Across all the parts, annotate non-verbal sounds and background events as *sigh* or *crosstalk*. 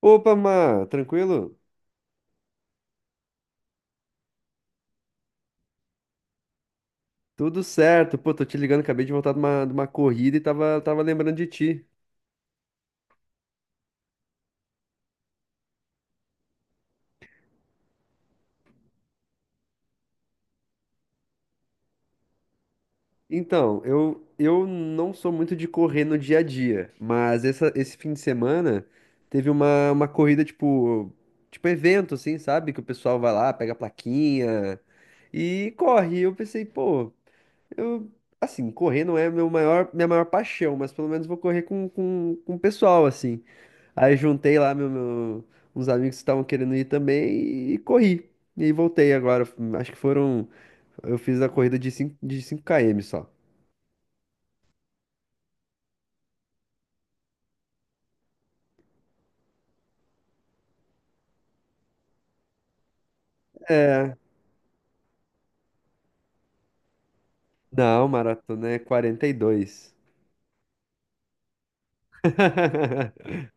Opa, Má, tranquilo? Tudo certo. Pô, tô te ligando, acabei de voltar de uma corrida e tava lembrando de ti. Então, eu não sou muito de correr no dia a dia, mas esse fim de semana teve uma corrida, tipo evento, assim, sabe? Que o pessoal vai lá, pega a plaquinha e corre. E eu pensei, pô, Eu, assim, correr não é minha maior paixão, mas pelo menos vou correr com o pessoal, assim. Aí juntei lá uns amigos que estavam querendo ir também e corri. E voltei agora. Acho que foram. Eu fiz a corrida de cinco km só. Não, maratona é 42. *laughs*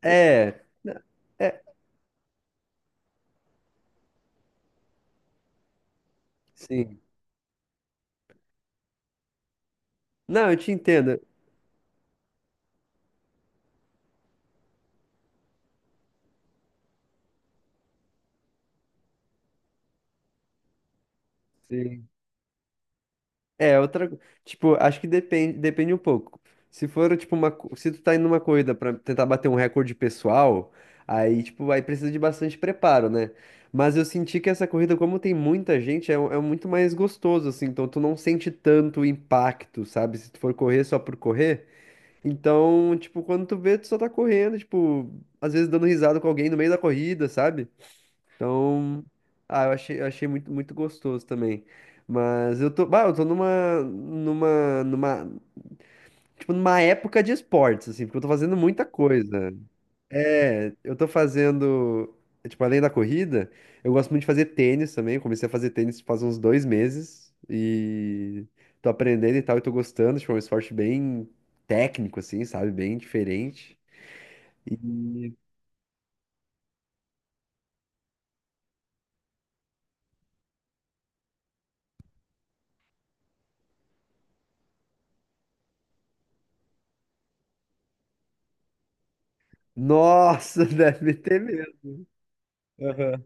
É, é, sim. Não, eu te entendo. Sim. É, outra. Tipo, acho que depende, depende um pouco. Se for, tipo, Se tu tá indo numa corrida pra tentar bater um recorde pessoal, aí, tipo, aí precisa de bastante preparo, né? Mas eu senti que essa corrida, como tem muita gente, é muito mais gostoso, assim. Então tu não sente tanto o impacto, sabe? Se tu for correr só por correr. Então, tipo, quando tu vê, tu só tá correndo, tipo, às vezes dando risada com alguém no meio da corrida, sabe? Então, ah, eu achei muito, muito gostoso também. Mas eu tô numa época de esportes, assim, porque eu tô fazendo muita coisa. É, eu tô fazendo, tipo, além da corrida, eu gosto muito de fazer tênis também. Eu comecei a fazer tênis faz uns 2 meses e tô aprendendo e tal, e tô gostando. Tipo, é um esporte bem técnico, assim, sabe? Bem diferente. E, nossa, *laughs* deve ter mesmo. Aham.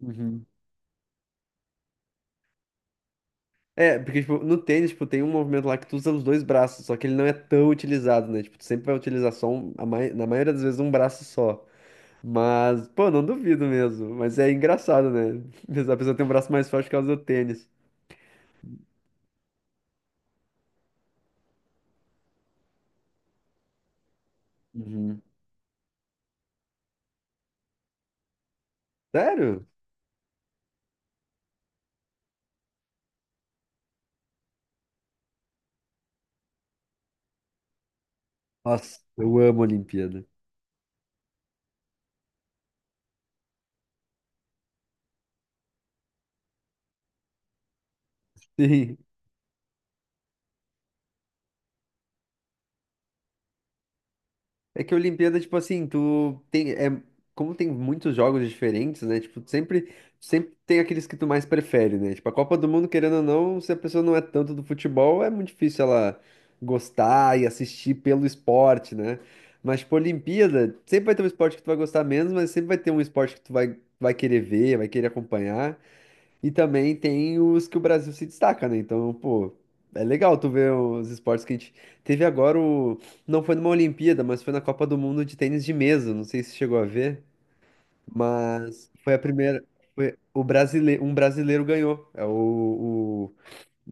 Uhum. É, porque, tipo, no tênis, tipo, tem um movimento lá que tu usa os dois braços, só que ele não é tão utilizado, né? Tipo, tu sempre vai utilizar só, um, na maioria das vezes, um braço só. Mas, pô, não duvido mesmo. Mas é engraçado, né? *laughs* A pessoa tem um braço mais forte por causa do tênis. Uhum. Sério? Nossa, eu amo a Olimpíada. Sim. É que a Olimpíada, tipo assim, tu tem, como tem muitos jogos diferentes, né? Tipo, sempre tem aqueles que tu mais prefere, né? Tipo, a Copa do Mundo, querendo ou não, se a pessoa não é tanto do futebol, é muito difícil ela gostar e assistir pelo esporte, né? Mas, tipo, Olimpíada, sempre vai ter um esporte que tu vai gostar menos, mas sempre vai ter um esporte que tu vai querer ver, vai querer acompanhar. E também tem os que o Brasil se destaca, né? Então, pô, é legal tu ver os esportes que a gente teve agora o... Não foi numa Olimpíada, mas foi na Copa do Mundo de tênis de mesa. Não sei se chegou a ver, mas foi a primeira. Um brasileiro ganhou.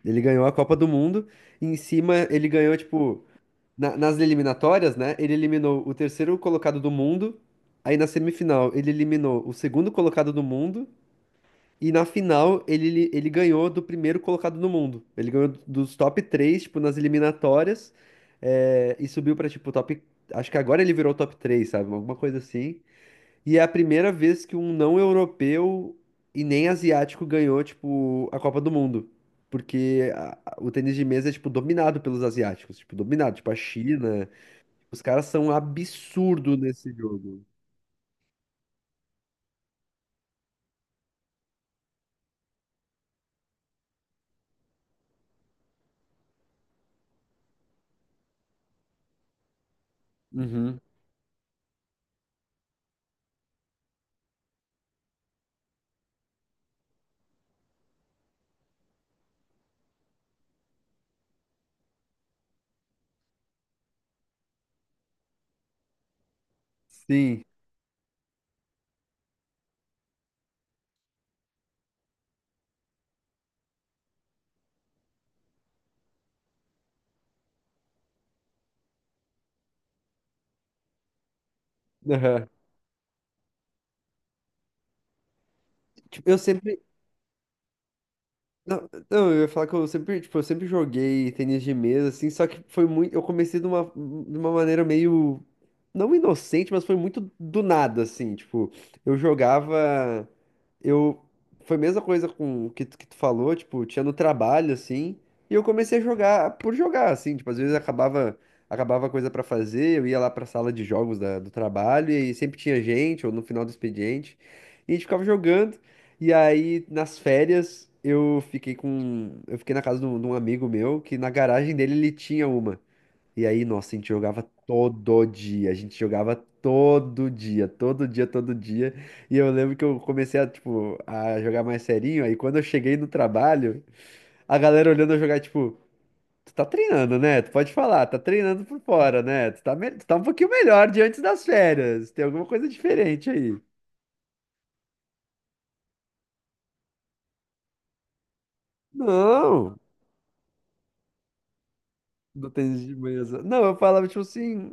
Ele ganhou a Copa do Mundo. E em cima ele ganhou, tipo, nas eliminatórias, né? Ele eliminou o terceiro colocado do mundo. Aí na semifinal ele eliminou o segundo colocado do mundo. E na final, ele ganhou do primeiro colocado no mundo. Ele ganhou dos top três, tipo, nas eliminatórias. É, e subiu pra, tipo, top. Acho que agora ele virou top três, sabe? Alguma coisa assim. E é a primeira vez que um não europeu e nem asiático ganhou, tipo, a Copa do Mundo. Porque o tênis de mesa é, tipo, dominado pelos asiáticos. Tipo, dominado. Tipo, a China. Os caras são um absurdo nesse jogo. Uhum. Sim. *laughs* Aham. Tipo, eu sempre. Não, não, eu ia falar que eu sempre, tipo, eu sempre joguei tênis de mesa, assim, só que foi muito. Eu comecei de uma maneira meio. Não inocente, mas foi muito do nada, assim. Tipo, eu jogava. Eu. Foi a mesma coisa com o que tu falou, tipo, tinha no trabalho, assim. E eu comecei a jogar por jogar, assim. Tipo, às vezes acabava coisa pra fazer, eu ia lá pra sala de jogos do trabalho, e aí sempre tinha gente, ou no final do expediente. E a gente ficava jogando. E aí, nas férias, eu fiquei com. Eu fiquei na casa de um amigo meu que na garagem dele ele tinha uma. E aí, nossa, a gente jogava todo dia. A gente jogava todo dia, todo dia, todo dia. E eu lembro que eu comecei a, tipo, a jogar mais serinho. Aí quando eu cheguei no trabalho, a galera olhando eu jogar, tipo, tu tá treinando, né? Tu pode falar, tá treinando por fora, né? Tu tá um pouquinho melhor de antes das férias. Tem alguma coisa diferente aí. Não! Do tênis de mesa. Não, eu falava tipo assim.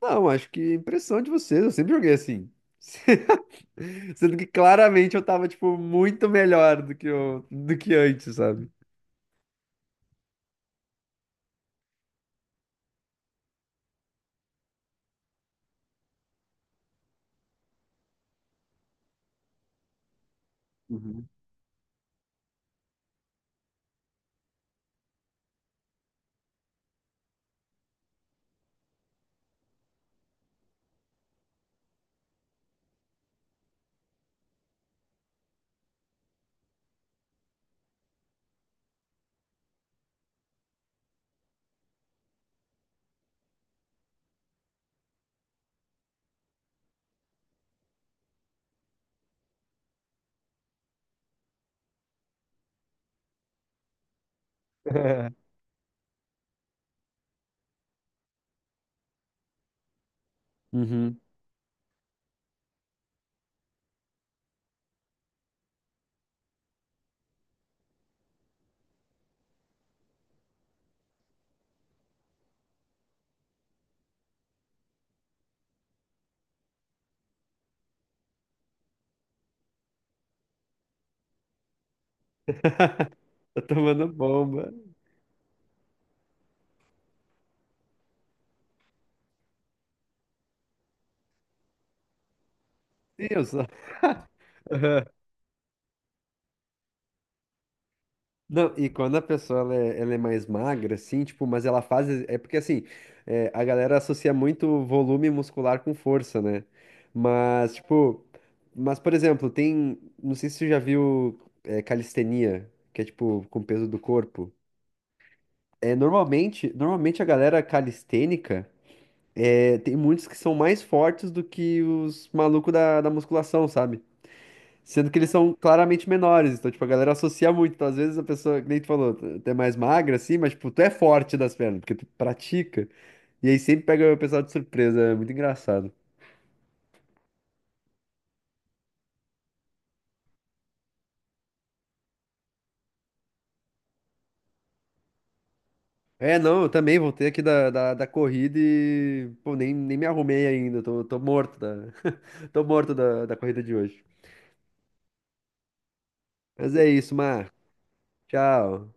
Não, acho que é impressão de vocês. Eu sempre joguei assim. *laughs* Sendo que claramente eu tava, tipo, muito melhor do que antes, sabe? Uhum. *laughs* Uhum. Tá tomando bomba. Sim, eu só. *laughs* Não, e quando a pessoa ela é mais magra, assim, tipo, mas ela faz. É porque assim, a galera associa muito volume muscular com força, né? Mas, tipo, por exemplo, tem. Não sei se você já viu calistenia, que é tipo com peso do corpo. É, normalmente a galera calistênica tem muitos que são mais fortes do que os malucos da musculação, sabe? Sendo que eles são claramente menores, então, tipo, a galera associa muito. Então, às vezes a pessoa, que nem tu falou, tu é mais magra, assim, mas, tipo, tu é forte das pernas, porque tu pratica. E aí sempre pega o pessoal de surpresa, é muito engraçado. É, não, eu também voltei aqui da corrida e, pô, nem me arrumei ainda, tô morto da, *laughs* tô morto da corrida de hoje. Mas é isso, Mar. Tchau.